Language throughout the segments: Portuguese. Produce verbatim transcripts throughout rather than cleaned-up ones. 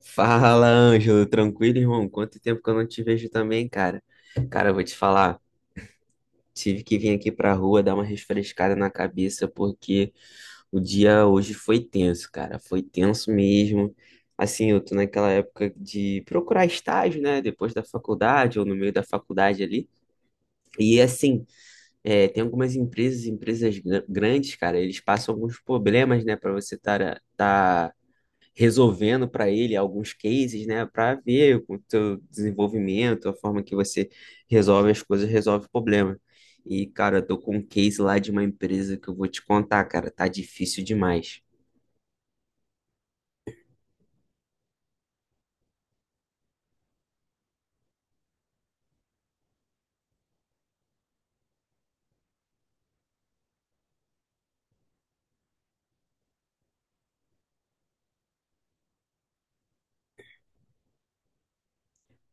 Fala, Ângelo, tranquilo, irmão? Quanto tempo que eu não te vejo também, cara? Cara, eu vou te falar, tive que vir aqui pra rua dar uma refrescada na cabeça porque o dia hoje foi tenso, cara, foi tenso mesmo. Assim, eu tô naquela época de procurar estágio, né, depois da faculdade ou no meio da faculdade ali. E assim, é, tem algumas empresas, empresas gra- grandes, cara, eles passam alguns problemas, né, pra você estar resolvendo para ele alguns cases, né, para ver o teu desenvolvimento, a forma que você resolve as coisas, resolve o problema. E, cara, eu tô com um case lá de uma empresa que eu vou te contar, cara, tá difícil demais.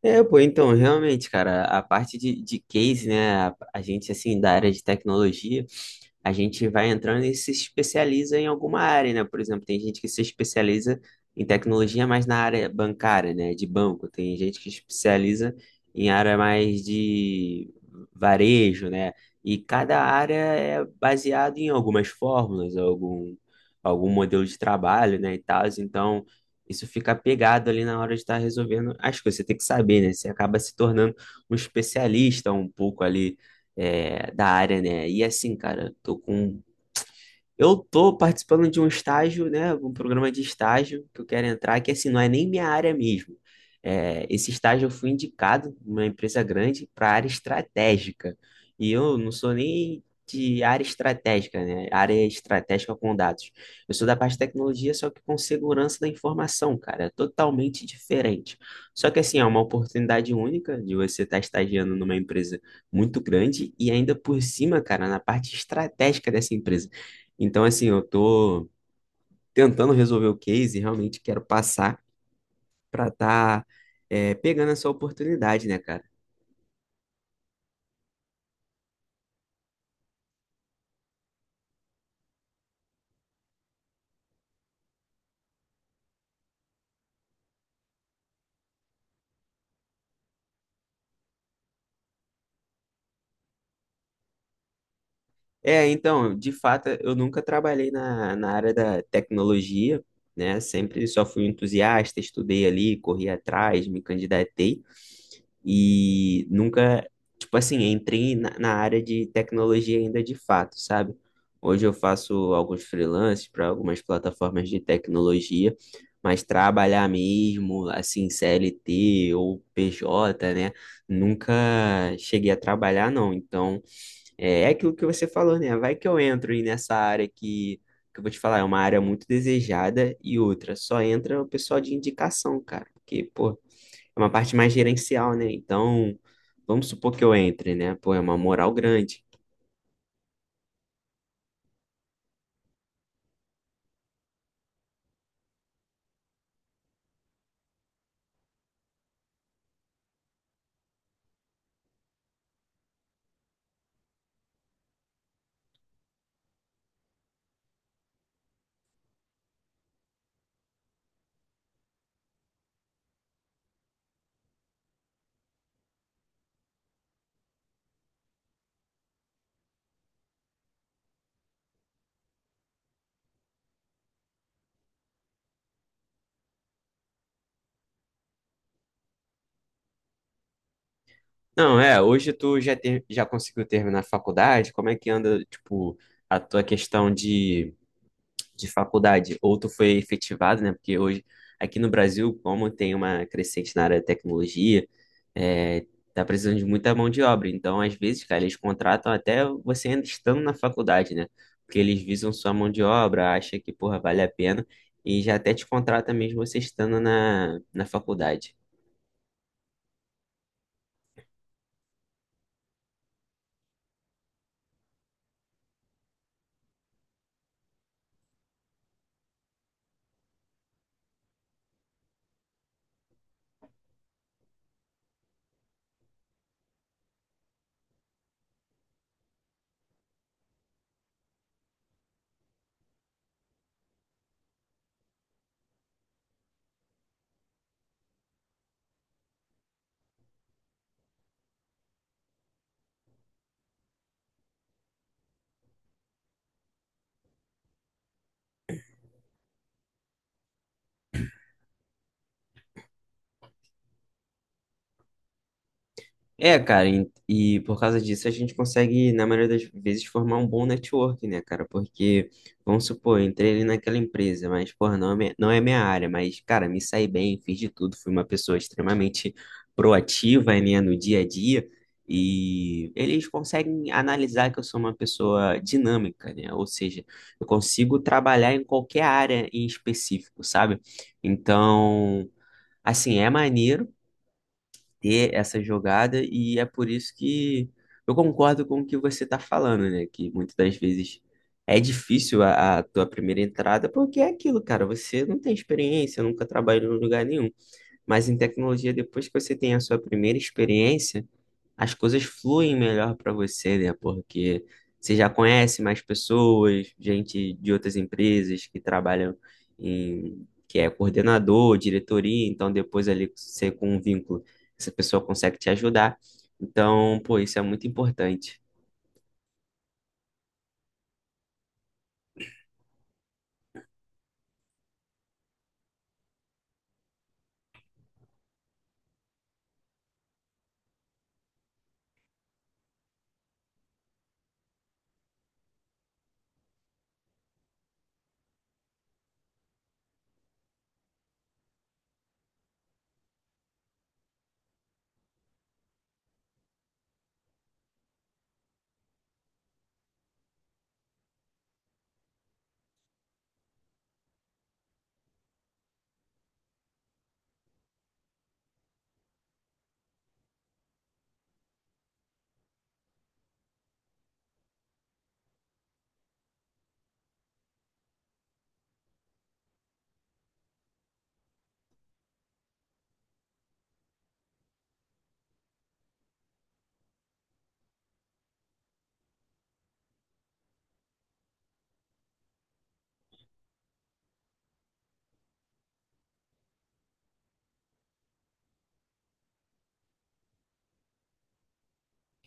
É, pô, então, realmente, cara, a parte de, de case, né, a, a gente, assim, da área de tecnologia, a gente vai entrando e se especializa em alguma área, né? Por exemplo, tem gente que se especializa em tecnologia mais na área bancária, né? De banco. Tem gente que se especializa em área mais de varejo, né? E cada área é baseado em algumas fórmulas, algum, algum modelo de trabalho, né? E tal. Então, isso fica pegado ali na hora de estar resolvendo as coisas. Você tem que saber, né? Você acaba se tornando um especialista um pouco ali é, da área, né? E assim, cara, tô com eu tô participando de um estágio, né, um programa de estágio que eu quero entrar, que assim, não é nem minha área mesmo. É, esse estágio eu fui indicado numa empresa grande para área estratégica. E eu não sou nem de área estratégica, né? Área estratégica com dados. Eu sou da parte de tecnologia, só que com segurança da informação, cara. É totalmente diferente. Só que assim, é uma oportunidade única de você estar estagiando numa empresa muito grande e ainda por cima, cara, na parte estratégica dessa empresa. Então, assim, eu tô tentando resolver o case e realmente quero passar para tá, é, pegando essa oportunidade, né, cara? É, então, de fato, eu nunca trabalhei na, na área da tecnologia, né? Sempre só fui entusiasta, estudei ali, corri atrás, me candidatei. E nunca, tipo assim, entrei na, na área de tecnologia ainda de fato, sabe? Hoje eu faço alguns freelances para algumas plataformas de tecnologia, mas trabalhar mesmo, assim, C L T ou P J, né? Nunca cheguei a trabalhar, não. Então, é, é aquilo que você falou, né? Vai que eu entro aí nessa área que, que eu vou te falar, é uma área muito desejada e outra, só entra o pessoal de indicação, cara. Porque, pô, é uma parte mais gerencial, né? Então, vamos supor que eu entre, né? Pô, é uma moral grande. Não, é, hoje tu já, ter, já conseguiu terminar a faculdade, como é que anda, tipo, a tua questão de de faculdade, ou tu foi efetivado, né? Porque hoje, aqui no Brasil, como tem uma crescente na área de tecnologia, é, tá precisando de muita mão de obra. Então, às vezes, cara, eles contratam até você ainda estando na faculdade, né? Porque eles visam sua mão de obra, acha que, porra, vale a pena, e já até te contrata mesmo você estando na, na faculdade. É, cara, e, e por causa disso a gente consegue, na maioria das vezes, formar um bom network, né, cara? Porque, vamos supor, eu entrei ali naquela empresa, mas, porra, não é minha, não é minha área, mas, cara, me saí bem, fiz de tudo, fui uma pessoa extremamente proativa, né, no dia a dia, e eles conseguem analisar que eu sou uma pessoa dinâmica, né? Ou seja, eu consigo trabalhar em qualquer área em específico, sabe? Então, assim, é maneiro ter essa jogada, e é por isso que eu concordo com o que você está falando, né? Que muitas das vezes é difícil a, a tua primeira entrada, porque é aquilo, cara, você não tem experiência, nunca trabalhou em lugar nenhum. Mas em tecnologia, depois que você tem a sua primeira experiência, as coisas fluem melhor para você, né? Porque você já conhece mais pessoas, gente de outras empresas que trabalham em, que é coordenador, diretoria, então depois ali você com um vínculo, essa pessoa consegue te ajudar. Então, pô, isso é muito importante.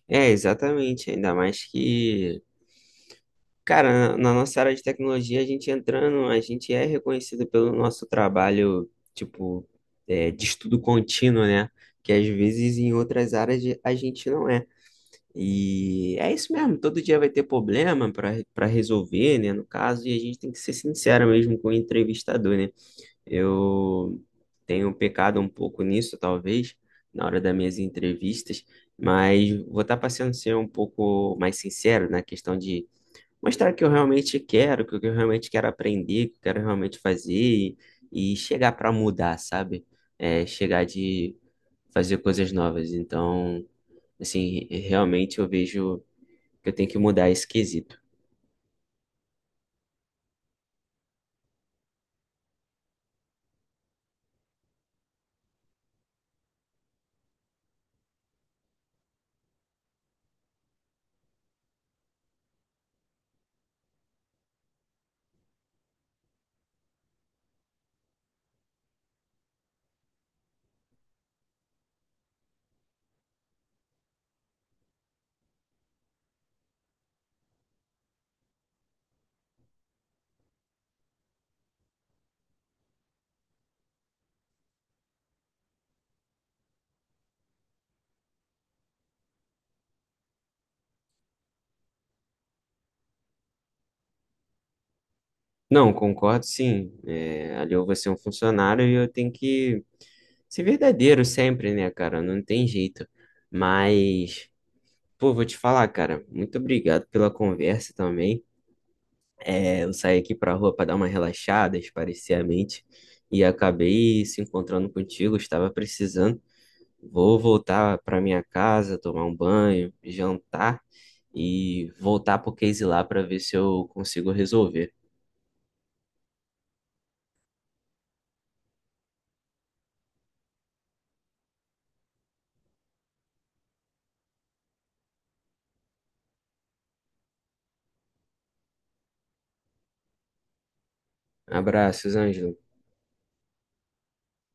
É, exatamente, ainda mais que cara, na na nossa área de tecnologia, a gente entrando, a gente é reconhecido pelo nosso trabalho, tipo, é, de estudo contínuo, né? Que às vezes em outras áreas a gente não é. E é isso mesmo, todo dia vai ter problema para para resolver, né? No caso, e a gente tem que ser sincero mesmo com o entrevistador, né? Eu tenho pecado um pouco nisso, talvez, na hora das minhas entrevistas, mas vou estar passando a ser um pouco mais sincero na questão de mostrar o que eu realmente quero, o que eu realmente quero aprender, o que eu quero realmente fazer e, e chegar para mudar, sabe? É, chegar de fazer coisas novas. Então, assim, realmente eu vejo que eu tenho que mudar esse quesito. Não, concordo sim. É, ali eu vou ser um funcionário e eu tenho que ser verdadeiro sempre, né, cara? Não tem jeito. Mas, pô, vou te falar, cara, muito obrigado pela conversa também. É, eu saí aqui para a rua para dar uma relaxada, esparecer a mente e acabei se encontrando contigo, estava precisando. Vou voltar para minha casa, tomar um banho, jantar e voltar pro case lá para ver se eu consigo resolver. Abraços, Ângelo.